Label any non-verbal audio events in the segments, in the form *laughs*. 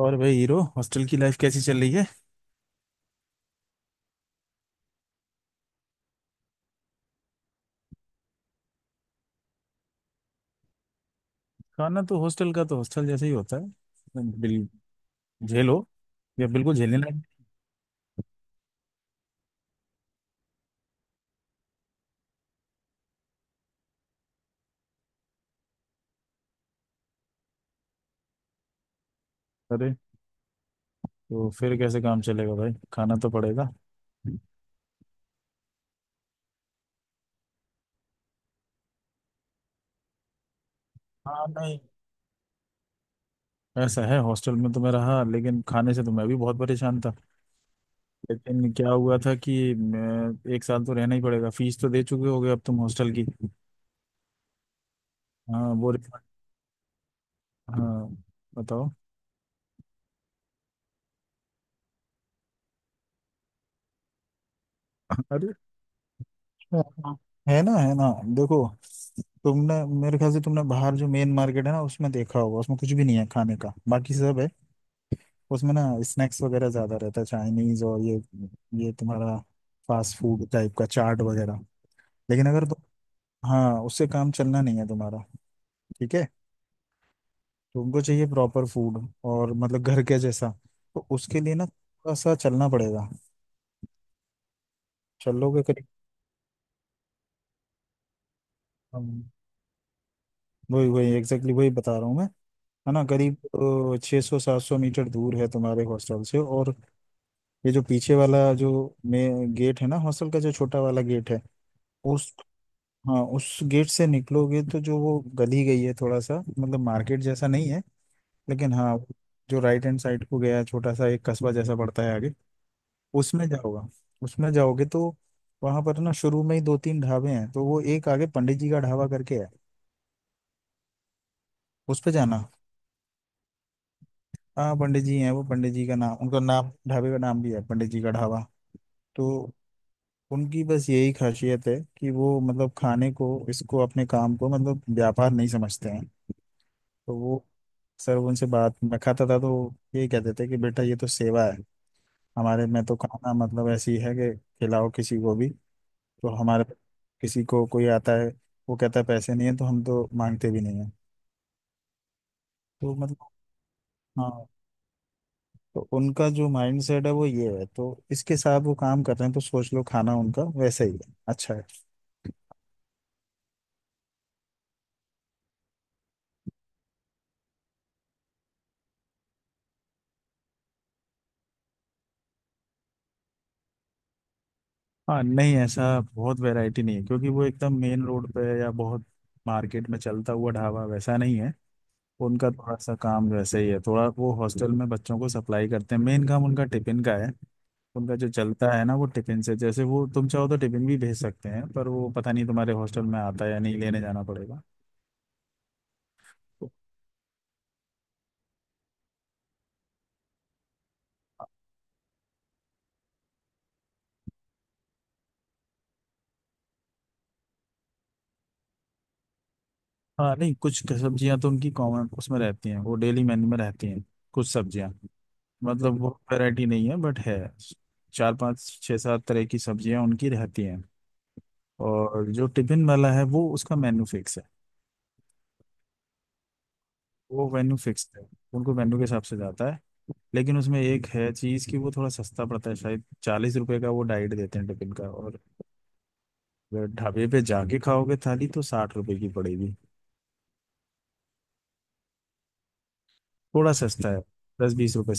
और भाई, hero hostel की लाइफ कैसी चल रही है? खाना तो हॉस्टल का तो हॉस्टल जैसे ही होता है, बिल झेलो। या बिल्कुल झेलने लायक। अरे, तो फिर कैसे काम चलेगा भाई, खाना तो पड़ेगा। हाँ नहीं, ऐसा है, हॉस्टल में तो मैं रहा लेकिन खाने से तो मैं भी बहुत परेशान था। लेकिन क्या हुआ था कि मैं, एक साल तो रहना ही पड़ेगा, फीस तो दे चुके होगे अब तुम हॉस्टल की। हाँ, वो रिफंड। हाँ, बताओ। *laughs* अरे। हाँ, है ना, है ना। देखो, तुमने, मेरे ख्याल से तुमने बाहर जो मेन मार्केट है ना, उसमें देखा होगा, उसमें कुछ भी नहीं है खाने का, बाकी सब है। उसमें ना स्नैक्स वगैरह ज्यादा रहता है, चाइनीज, और ये तुम्हारा फास्ट फूड टाइप का, चाट वगैरह। लेकिन अगर तुम, हाँ, उससे काम चलना नहीं है तुम्हारा। ठीक है। तुमको चाहिए प्रॉपर फूड, और मतलब घर के जैसा। तो उसके लिए ना थोड़ा सा चलना पड़ेगा। चलोगे करीब? वही वही एग्जैक्टली वही बता रहा हूँ मैं। है ना, करीब 600 700 मीटर दूर है तुम्हारे हॉस्टल से, और ये जो पीछे वाला जो में गेट है ना, हॉस्टल का जो छोटा वाला गेट है, उस हाँ, उस गेट से निकलोगे तो जो वो गली गई है, थोड़ा सा मतलब मार्केट जैसा नहीं है लेकिन, हाँ, जो राइट हैंड साइड को गया है, छोटा सा एक कस्बा जैसा पड़ता है आगे। उसमें जाओगा उसमें जाओगे तो वहां पर ना शुरू में ही दो तीन ढाबे हैं, तो वो एक आगे पंडित जी का ढाबा करके है, उस पे जाना। हाँ पंडित जी हैं, वो पंडित जी का नाम, उनका नाम, ढाबे का नाम भी है पंडित जी का ढाबा। तो उनकी बस यही खासियत है कि वो मतलब खाने को, इसको, अपने काम को मतलब व्यापार नहीं समझते हैं। तो वो सर, उनसे बात, मैं खाता था तो ये कहते थे कि बेटा, ये तो सेवा है, हमारे में तो खाना मतलब ऐसी है कि खिलाओ किसी को भी। तो हमारे, किसी को, कोई आता है वो कहता है पैसे नहीं है, तो हम तो मांगते भी नहीं है। तो मतलब, हाँ, तो उनका जो माइंड सेट है वो ये है, तो इसके साथ वो काम कर रहे हैं, तो सोच लो, खाना उनका वैसा ही है, अच्छा है। हाँ नहीं, ऐसा बहुत वैरायटी नहीं है, क्योंकि वो एकदम मेन रोड पे है, या बहुत मार्केट में चलता हुआ ढाबा वैसा नहीं है। उनका थोड़ा सा काम वैसे ही है, थोड़ा वो हॉस्टल में बच्चों को सप्लाई करते हैं, मेन काम उनका टिफिन का है। उनका जो चलता है ना वो टिफिन से, जैसे वो, तुम चाहो तो टिफिन भी भेज सकते हैं, पर वो पता नहीं तुम्हारे हॉस्टल में आता है या नहीं, लेने जाना पड़ेगा। हाँ नहीं, कुछ सब्जियां तो उनकी कॉमन उसमें रहती हैं, वो डेली मेन्यू में रहती हैं। कुछ सब्जियां, मतलब वो वैरायटी नहीं है बट है, चार पांच छह सात तरह की सब्जियां उनकी रहती हैं। और जो टिफिन वाला है वो, उसका मेन्यू फिक्स है, वो मेन्यू फिक्स है, उनको मेन्यू के हिसाब से जाता है। लेकिन उसमें एक है चीज़ कि वो थोड़ा सस्ता पड़ता है, शायद 40 रुपए का वो डाइट देते हैं टिफिन का, और अगर ढाबे पे जाके खाओगे थाली तो 60 रुपए की पड़ेगी। थोड़ा सस्ता है, दस बीस रुपए।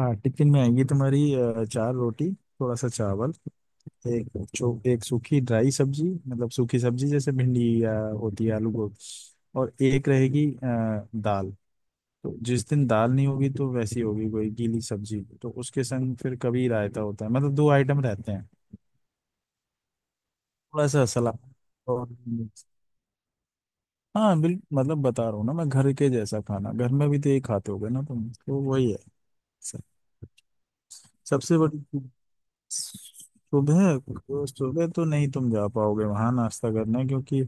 हाँ, टिफिन में आएगी तुम्हारी 4 रोटी, थोड़ा सा चावल, एक, चो एक सूखी ड्राई सब्जी, मतलब सूखी सब्जी जैसे भिंडी, या होती है आलू गोभी, और एक रहेगी दाल। तो जिस दिन दाल नहीं होगी तो वैसी होगी कोई गीली सब्जी, तो उसके संग फिर कभी रायता होता है, मतलब दो आइटम रहते हैं, थोड़ा सा सलाद और मिक्स। हाँ बिल्कुल, मतलब बता रहा हूँ ना मैं, घर के जैसा खाना, घर में भी तो यही खाते होगे ना तुम, तो वही है। सब- सबसे बड़ी, सुबह, सुबह तो नहीं तुम जा पाओगे वहां नाश्ता करने, क्योंकि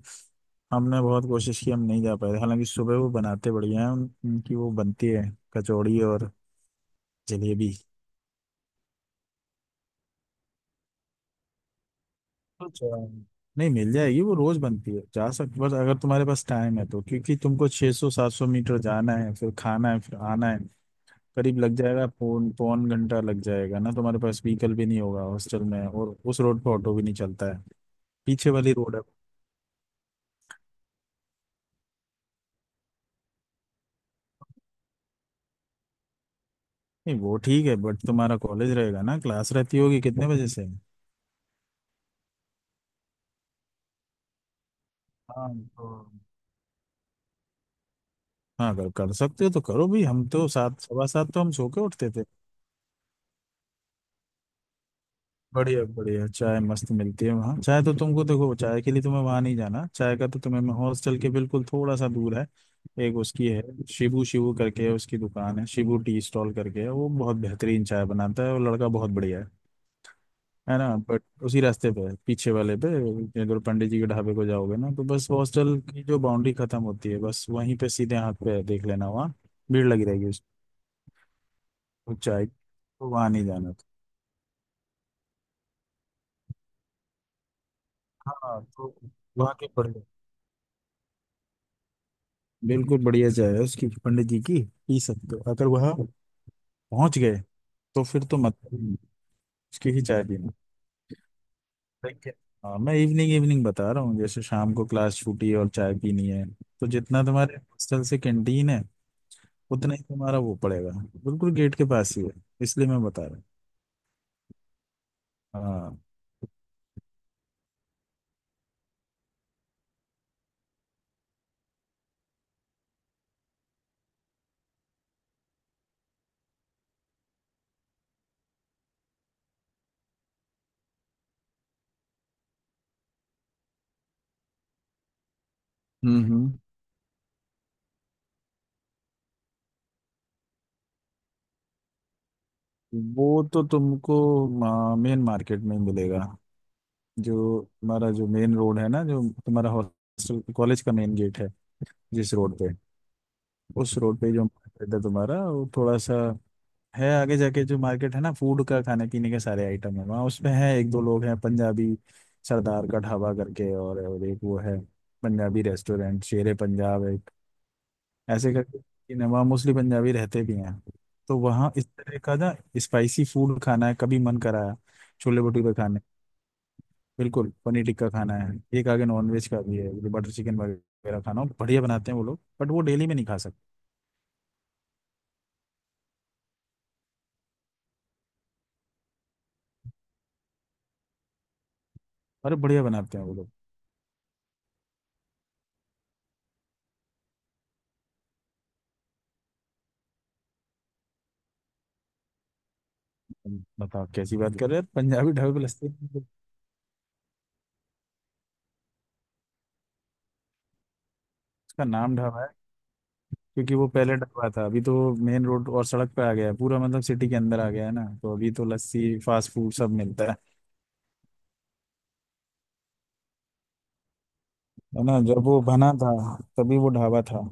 हमने बहुत कोशिश की, हम नहीं जा पाए थे। हालांकि सुबह वो बनाते बढ़िया हैं, उनकी वो बनती है कचौड़ी और जलेबी। अच्छा, नहीं मिल जाएगी, वो रोज बनती है, जा सकते, बस अगर तुम्हारे पास टाइम है तो, क्योंकि तुमको 600 700 मीटर जाना है, फिर खाना है, फिर आना है, करीब लग जाएगा पौन पौन घंटा लग जाएगा ना, तुम्हारे पास व्हीकल भी नहीं होगा हॉस्टल में, और उस रोड पे ऑटो भी नहीं चलता है, पीछे वाली रोड है। नहीं, वो ठीक है बट तुम्हारा कॉलेज रहेगा ना, क्लास रहती होगी कितने बजे से? हाँ, तो हाँ, अगर कर सकते हो तो करो भी, हम तो सात सवा सात तो हम सो के उठते थे। बढ़िया बढ़िया चाय मस्त मिलती है वहाँ, चाय तो तुमको, देखो, चाय के लिए तुम्हें वहाँ नहीं जाना, चाय का तो तुम्हें, मैं, हॉस्टल के बिल्कुल, थोड़ा सा दूर है, एक उसकी है, शिबू, शिबू करके है, उसकी दुकान है, शिबू टी स्टॉल करके है, वो बहुत बेहतरीन चाय बनाता है, वो लड़का बहुत बढ़िया है। है ना, बट उसी रास्ते पे है, पीछे वाले पे। अगर पंडित जी के ढाबे को जाओगे ना, तो बस हॉस्टल की जो बाउंड्री खत्म होती है, बस वहीं पे सीधे हाथ पे है, देख लेना वहाँ भीड़ लगी रहेगी उस चाय की, तो वहाँ नहीं जाना था। हाँ, तो वहाँ के बढ़िया, बिल्कुल बढ़िया चाय है उसकी पंडित जी की, पी सकते हो, अगर वहाँ पहुँच गए तो फिर तो मत, उसकी ही चाय पीना। देखिए, हाँ, मैं इवनिंग इवनिंग बता रहा हूँ, जैसे शाम को क्लास छूटी है और चाय पीनी है, तो जितना तुम्हारे हॉस्टल से कैंटीन है उतना ही तुम्हारा वो पड़ेगा, बिल्कुल गेट के पास ही है, इसलिए मैं बता रहा हूँ। हाँ। हम्म, हम्म। वो तो तुमको मेन मार्केट में ही मिलेगा, जो तुम्हारा जो मेन रोड है ना, जो तुम्हारा हॉस्टल कॉलेज का मेन गेट है, जिस रोड पे, उस रोड पे जो मार्केट है तुम्हारा, वो थोड़ा सा है आगे जाके, जो मार्केट है ना फूड का, खाने पीने के सारे आइटम है वहाँ, उसमें है एक दो लोग हैं, पंजाबी सरदार का ढाबा करके, और एक वो है पंजाबी रेस्टोरेंट, शेरे पंजाब है ऐसे करके, कि नवा मोस्टली पंजाबी रहते भी हैं। तो वहाँ इस तरह का ना, स्पाइसी फूड खाना है कभी मन कराया, छोले भटूरे खाने, बिल्कुल पनीर टिक्का खाना है। एक आगे नॉनवेज का भी है, जो बटर चिकन वगैरह खाना हो, बढ़िया बनाते हैं वो लोग, बट वो डेली में नहीं खा सकते। अरे, बढ़िया बनाते हैं वो लोग। तुम बताओ कैसी बात कर रहे हैं, पंजाबी ढाबे पे लस्सी! उसका नाम ढाबा है, क्योंकि वो पहले ढाबा था, अभी तो मेन रोड और सड़क पे आ गया है पूरा, मतलब सिटी के अंदर आ गया है ना, तो अभी तो लस्सी, फास्ट फूड, सब मिलता है। है ना, जब वो बना था तभी वो ढाबा था।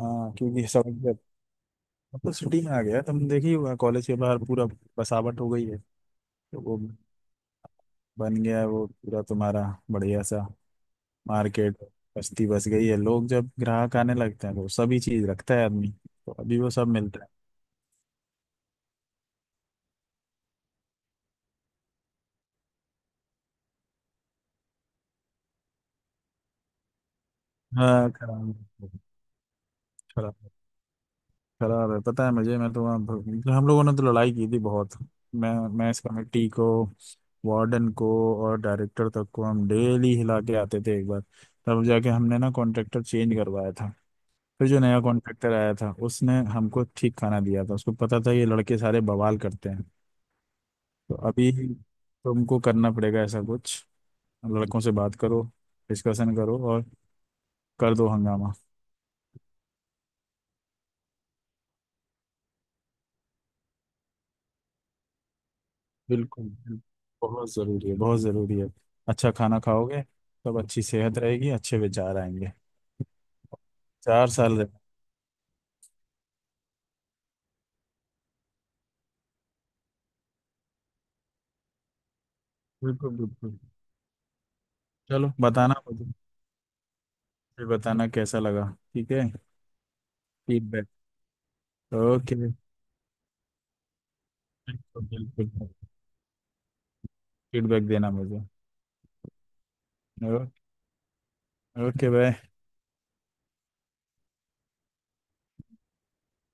हाँ क्योंकि सब, अब तो सिटी में आ गया, तुम देखी हुआ कॉलेज के बाहर पूरा बसावट हो गई है, तो वो बन गया है वो पूरा तुम्हारा बढ़िया सा मार्केट, बस्ती बस गई है, लोग जब ग्राहक आने लगते हैं तो सभी चीज रखता है आदमी, तो अभी वो सब मिलता है। हाँ, खराब, खराब, खराब है, पता है मुझे, मैं तो वहाँ हम लोगों ने तो लड़ाई की थी बहुत, मैं मैं इस कमेटी को, वार्डन को, और डायरेक्टर तक को हम डेली हिला के आते थे एक बार, तब जाके हमने ना कॉन्ट्रैक्टर चेंज करवाया था। फिर जो नया कॉन्ट्रैक्टर आया था उसने हमको ठीक खाना दिया था, उसको पता था ये लड़के सारे बवाल करते हैं। तो अभी तुमको करना पड़ेगा ऐसा कुछ, लड़कों से बात करो, डिस्कशन करो, और कर दो हंगामा। बिल्कुल बिल्कुल, बहुत ज़रूरी है, बहुत ज़रूरी है। अच्छा खाना खाओगे तब अच्छी सेहत रहेगी, अच्छे विचार आएंगे। 4 साल रहे। बिल्कुल बिल्कुल, चलो, बताना मुझे, फिर बताना कैसा लगा, ठीक है? फीडबैक। ओके, बिल्कुल बिल्कुल, फीडबैक देना मुझे। Okay, bye.